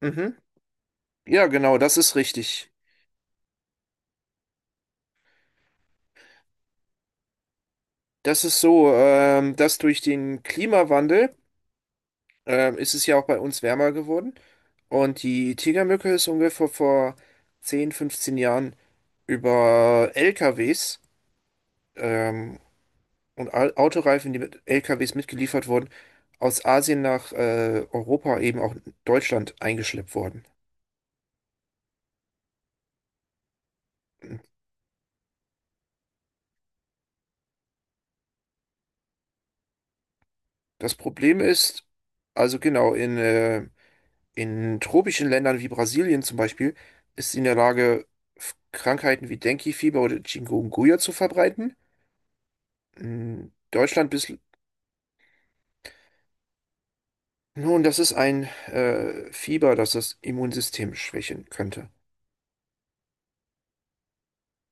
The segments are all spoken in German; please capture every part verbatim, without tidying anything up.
Mhm. Ja, genau, das ist richtig. Das ist so, ähm, dass durch den Klimawandel ähm, ist es ja auch bei uns wärmer geworden. Und die Tigermücke ist ungefähr vor zehn fünfzehn Jahren über L K Ws ähm, und Au- Autoreifen, die mit L K Ws mitgeliefert wurden, aus Asien nach äh, Europa, eben auch Deutschland, eingeschleppt worden. Das Problem ist, also genau, in, äh, in tropischen Ländern wie Brasilien zum Beispiel, ist sie in der Lage, F- Krankheiten wie Dengue-Fieber oder Chikungunya zu verbreiten. In Deutschland bis, nun, das ist ein äh, Fieber, das das Immunsystem schwächen könnte.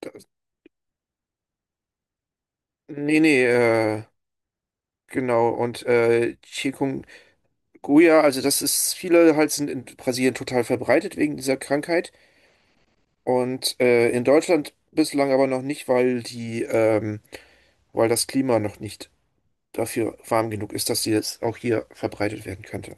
Das, nee, nee, äh, genau. Und äh, Chikungunya, also das ist, viele halt sind in Brasilien total verbreitet wegen dieser Krankheit. Und äh, in Deutschland bislang aber noch nicht, weil die, ähm, weil das Klima noch nicht dafür warm genug ist, dass sie jetzt auch hier verbreitet werden könnte.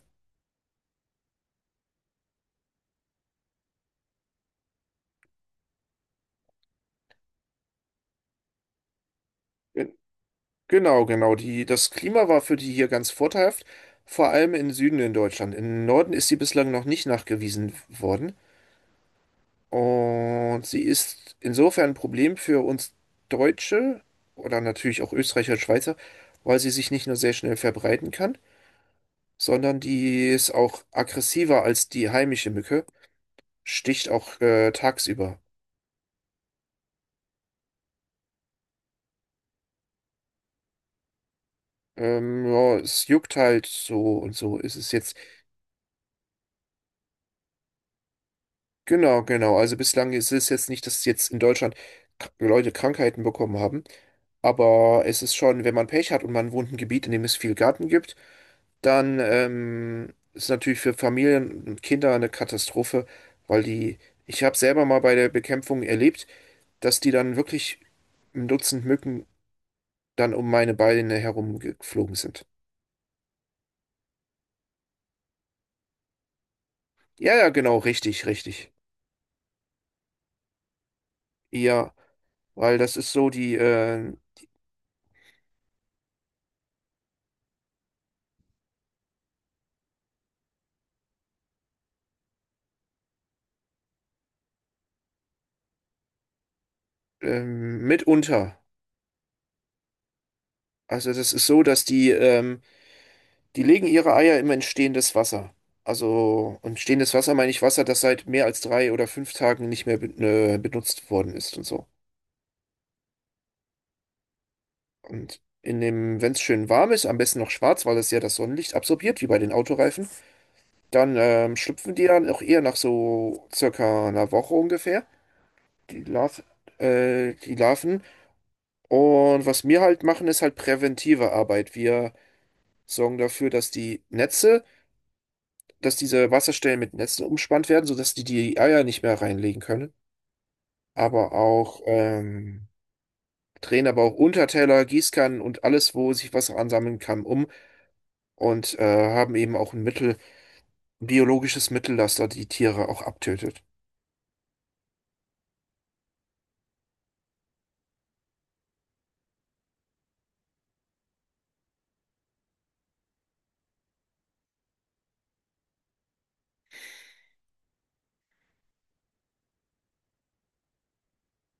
Genau, genau. Die, das Klima war für die hier ganz vorteilhaft, vor allem im Süden in Deutschland. Im Norden ist sie bislang noch nicht nachgewiesen worden. Und sie ist insofern ein Problem für uns Deutsche oder natürlich auch Österreicher und Schweizer, weil sie sich nicht nur sehr schnell verbreiten kann, sondern die ist auch aggressiver als die heimische Mücke, sticht auch äh, tagsüber. Ähm, ja, es juckt halt so und so. Es ist jetzt genau, genau. Also bislang ist es jetzt nicht, dass jetzt in Deutschland k- Leute Krankheiten bekommen haben, aber es ist schon, wenn man Pech hat und man wohnt in einem Gebiet, in dem es viel Garten gibt, dann ähm, ist natürlich für Familien und Kinder eine Katastrophe, weil die, ich habe selber mal bei der Bekämpfung erlebt, dass die dann wirklich ein Dutzend Mücken dann um meine Beine herumgeflogen sind. Ja, ja, genau, richtig, richtig. Ja, weil das ist so die äh, ähm, mitunter. Also das ist so, dass die, ähm, die legen ihre Eier immer in stehendes Wasser. Also, und stehendes Wasser meine ich Wasser, das seit mehr als drei oder fünf Tagen nicht mehr be äh, benutzt worden ist und so. Und in dem, wenn es schön warm ist, am besten noch schwarz, weil es ja das Sonnenlicht absorbiert, wie bei den Autoreifen, dann ähm, schlüpfen die dann auch eher nach so circa einer Woche ungefähr, die Larv äh, die Larven. Und was wir halt machen, ist halt präventive Arbeit. Wir sorgen dafür, dass die Netze dass diese Wasserstellen mit Netzen umspannt werden, sodass die die Eier nicht mehr reinlegen können. Aber auch ähm, drehen aber auch Unterteller, Gießkannen und alles, wo sich Wasser ansammeln kann, um und äh, haben eben auch ein Mittel, ein biologisches Mittel, das da die Tiere auch abtötet.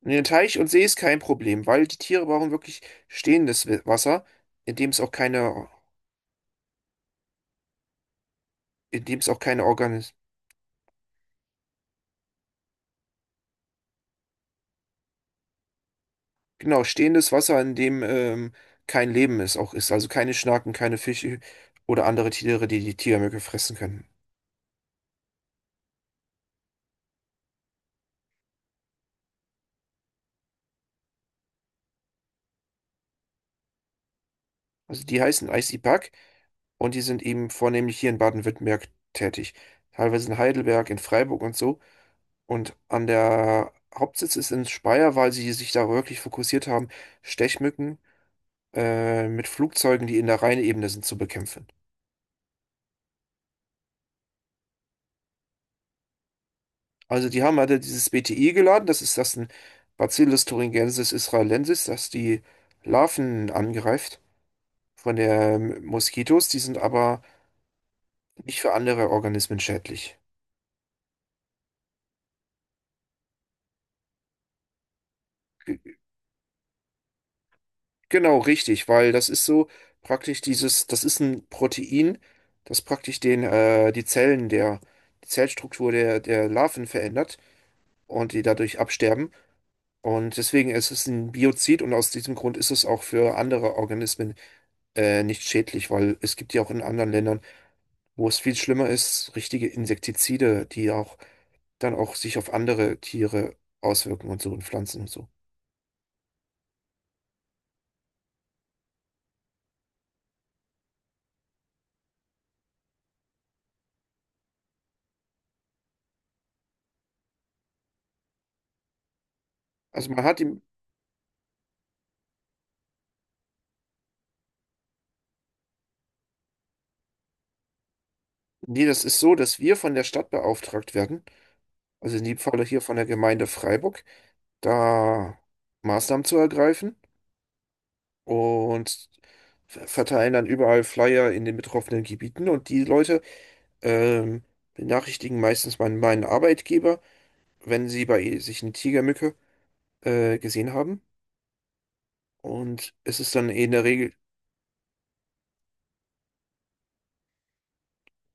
In den Teich und See ist kein Problem, weil die Tiere brauchen wirklich stehendes Wasser, in dem es auch keine, in dem es auch keine Organ genau, stehendes Wasser, in dem ähm, kein Leben ist, auch ist. Also keine Schnaken, keine Fische oder andere Tiere, die die Tigermücke fressen können. Also die heißen Icy Bug und die sind eben vornehmlich hier in Baden-Württemberg tätig. Teilweise in Heidelberg, in Freiburg und so. Und an der Hauptsitz ist in Speyer, weil sie sich da wirklich fokussiert haben, Stechmücken äh, mit Flugzeugen, die in der Rheinebene sind, zu bekämpfen. Also die haben halt ja dieses B T I geladen, das ist das ein Bacillus thuringiensis israelensis, das die Larven angreift von der ähm, Moskitos, die sind aber nicht für andere Organismen schädlich. G- Genau, richtig, weil das ist so praktisch dieses, das ist ein Protein, das praktisch den, äh, die Zellen der, die Zellstruktur der, der Larven verändert und die dadurch absterben. Und deswegen ist es ein Biozid und aus diesem Grund ist es auch für andere Organismen äh, nicht schädlich, weil es gibt ja auch in anderen Ländern, wo es viel schlimmer ist, richtige Insektizide, die ja auch dann auch sich auf andere Tiere auswirken und so und Pflanzen und so. Also man hat ihm, nee, das ist so, dass wir von der Stadt beauftragt werden, also in dem Falle hier von der Gemeinde Freiburg, da Maßnahmen zu ergreifen und ver- verteilen dann überall Flyer in den betroffenen Gebieten und die Leute ähm, benachrichtigen meistens meinen, meinen Arbeitgeber, wenn sie bei sich eine Tigermücke äh, gesehen haben. Und es ist dann eh in der Regel,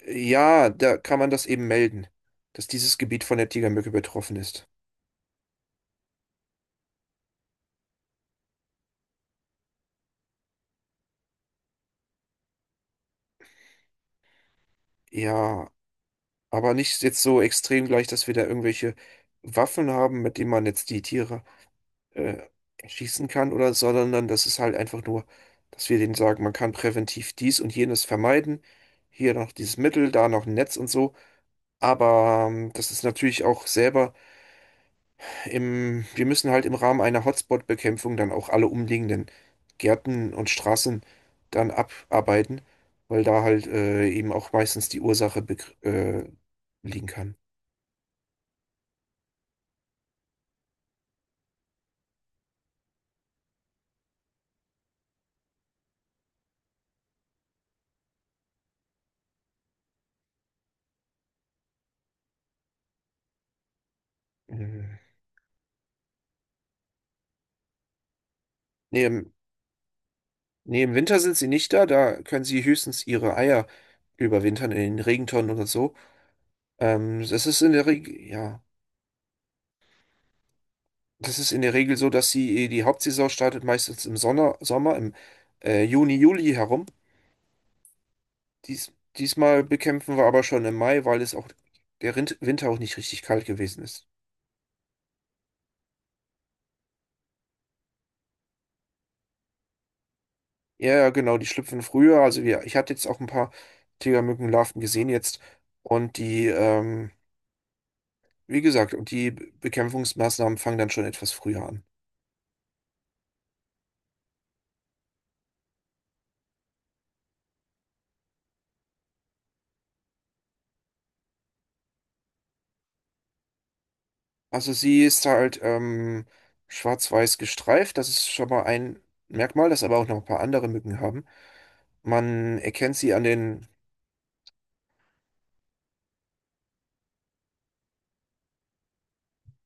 ja, da kann man das eben melden, dass dieses Gebiet von der Tigermücke betroffen ist. Ja, aber nicht jetzt so extrem gleich, dass wir da irgendwelche Waffen haben, mit denen man jetzt die Tiere äh, erschießen kann oder, sondern dann, das ist halt einfach nur, dass wir denen sagen, man kann präventiv dies und jenes vermeiden. Hier noch dieses Mittel, da noch ein Netz und so. Aber ähm, das ist natürlich auch selber im, wir müssen halt im Rahmen einer Hotspot-Bekämpfung dann auch alle umliegenden Gärten und Straßen dann abarbeiten, weil da halt äh, eben auch meistens die Ursache begr- äh, liegen kann. Mhm. Nee, im, nee, im Winter sind sie nicht da, da können sie höchstens ihre Eier überwintern in den Regentonnen oder so. Ähm, das ist in der Regel, ja, das ist in der Regel so, dass sie die Hauptsaison startet meistens im Sonner, Sommer, im äh, Juni, Juli herum. Dies, diesmal bekämpfen wir aber schon im Mai, weil es auch der Rind Winter auch nicht richtig kalt gewesen ist. Ja, ja, genau, die schlüpfen früher. Also wir, ich hatte jetzt auch ein paar Tigermückenlarven gesehen jetzt. Und die, ähm, wie gesagt, und die Be- Bekämpfungsmaßnahmen fangen dann schon etwas früher an. Also sie ist halt ähm, schwarz-weiß gestreift. Das ist schon mal ein Merkmal, das aber auch noch ein paar andere Mücken haben. Man erkennt sie an den...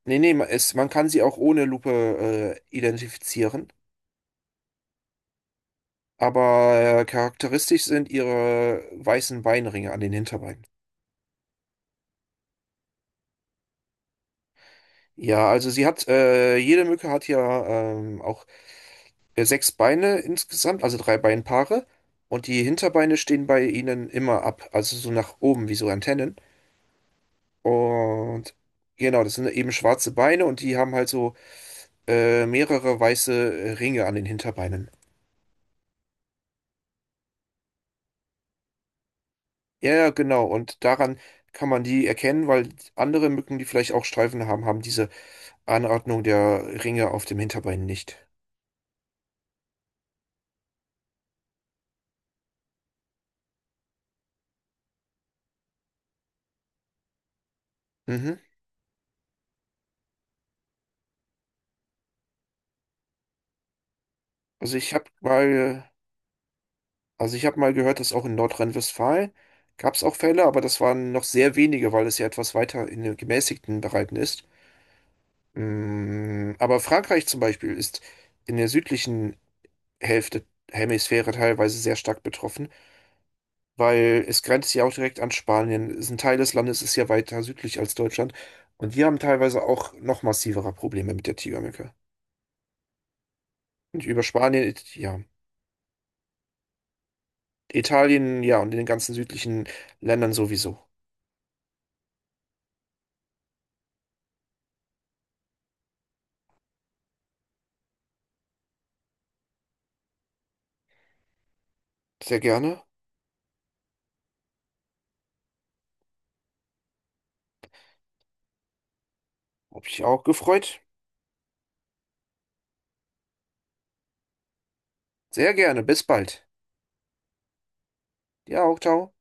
Nee, nee, ma- es, man kann sie auch ohne Lupe äh, identifizieren. Aber äh, charakteristisch sind ihre weißen Beinringe an den Hinterbeinen. Ja, also sie hat, äh, jede Mücke hat ja ähm, auch äh, sechs Beine insgesamt, also drei Beinpaare. Und die Hinterbeine stehen bei ihnen immer ab, also so nach oben, wie so Antennen. Und genau, das sind eben schwarze Beine und die haben halt so äh, mehrere weiße Ringe an den Hinterbeinen. Ja, ja, genau. Und daran kann man die erkennen, weil andere Mücken, die vielleicht auch Streifen haben, haben diese Anordnung der Ringe auf dem Hinterbein nicht. Mhm. Also ich habe mal, also ich habe mal gehört, dass auch in Nordrhein-Westfalen gab es auch Fälle, aber das waren noch sehr wenige, weil es ja etwas weiter in den gemäßigten Bereichen ist. Mm, Aber Frankreich zum Beispiel ist in der südlichen Hälfte, Hemisphäre teilweise sehr stark betroffen, weil es grenzt ja auch direkt an Spanien. Es ist ein Teil des Landes ist ja weiter südlich als Deutschland und die haben teilweise auch noch massivere Probleme mit der Tigermücke. Und über Spanien, ja. Italien, ja, und in den ganzen südlichen Ländern sowieso. Sehr gerne. Hab ich auch gefreut. Sehr gerne. Bis bald. Ja, auch, ciao.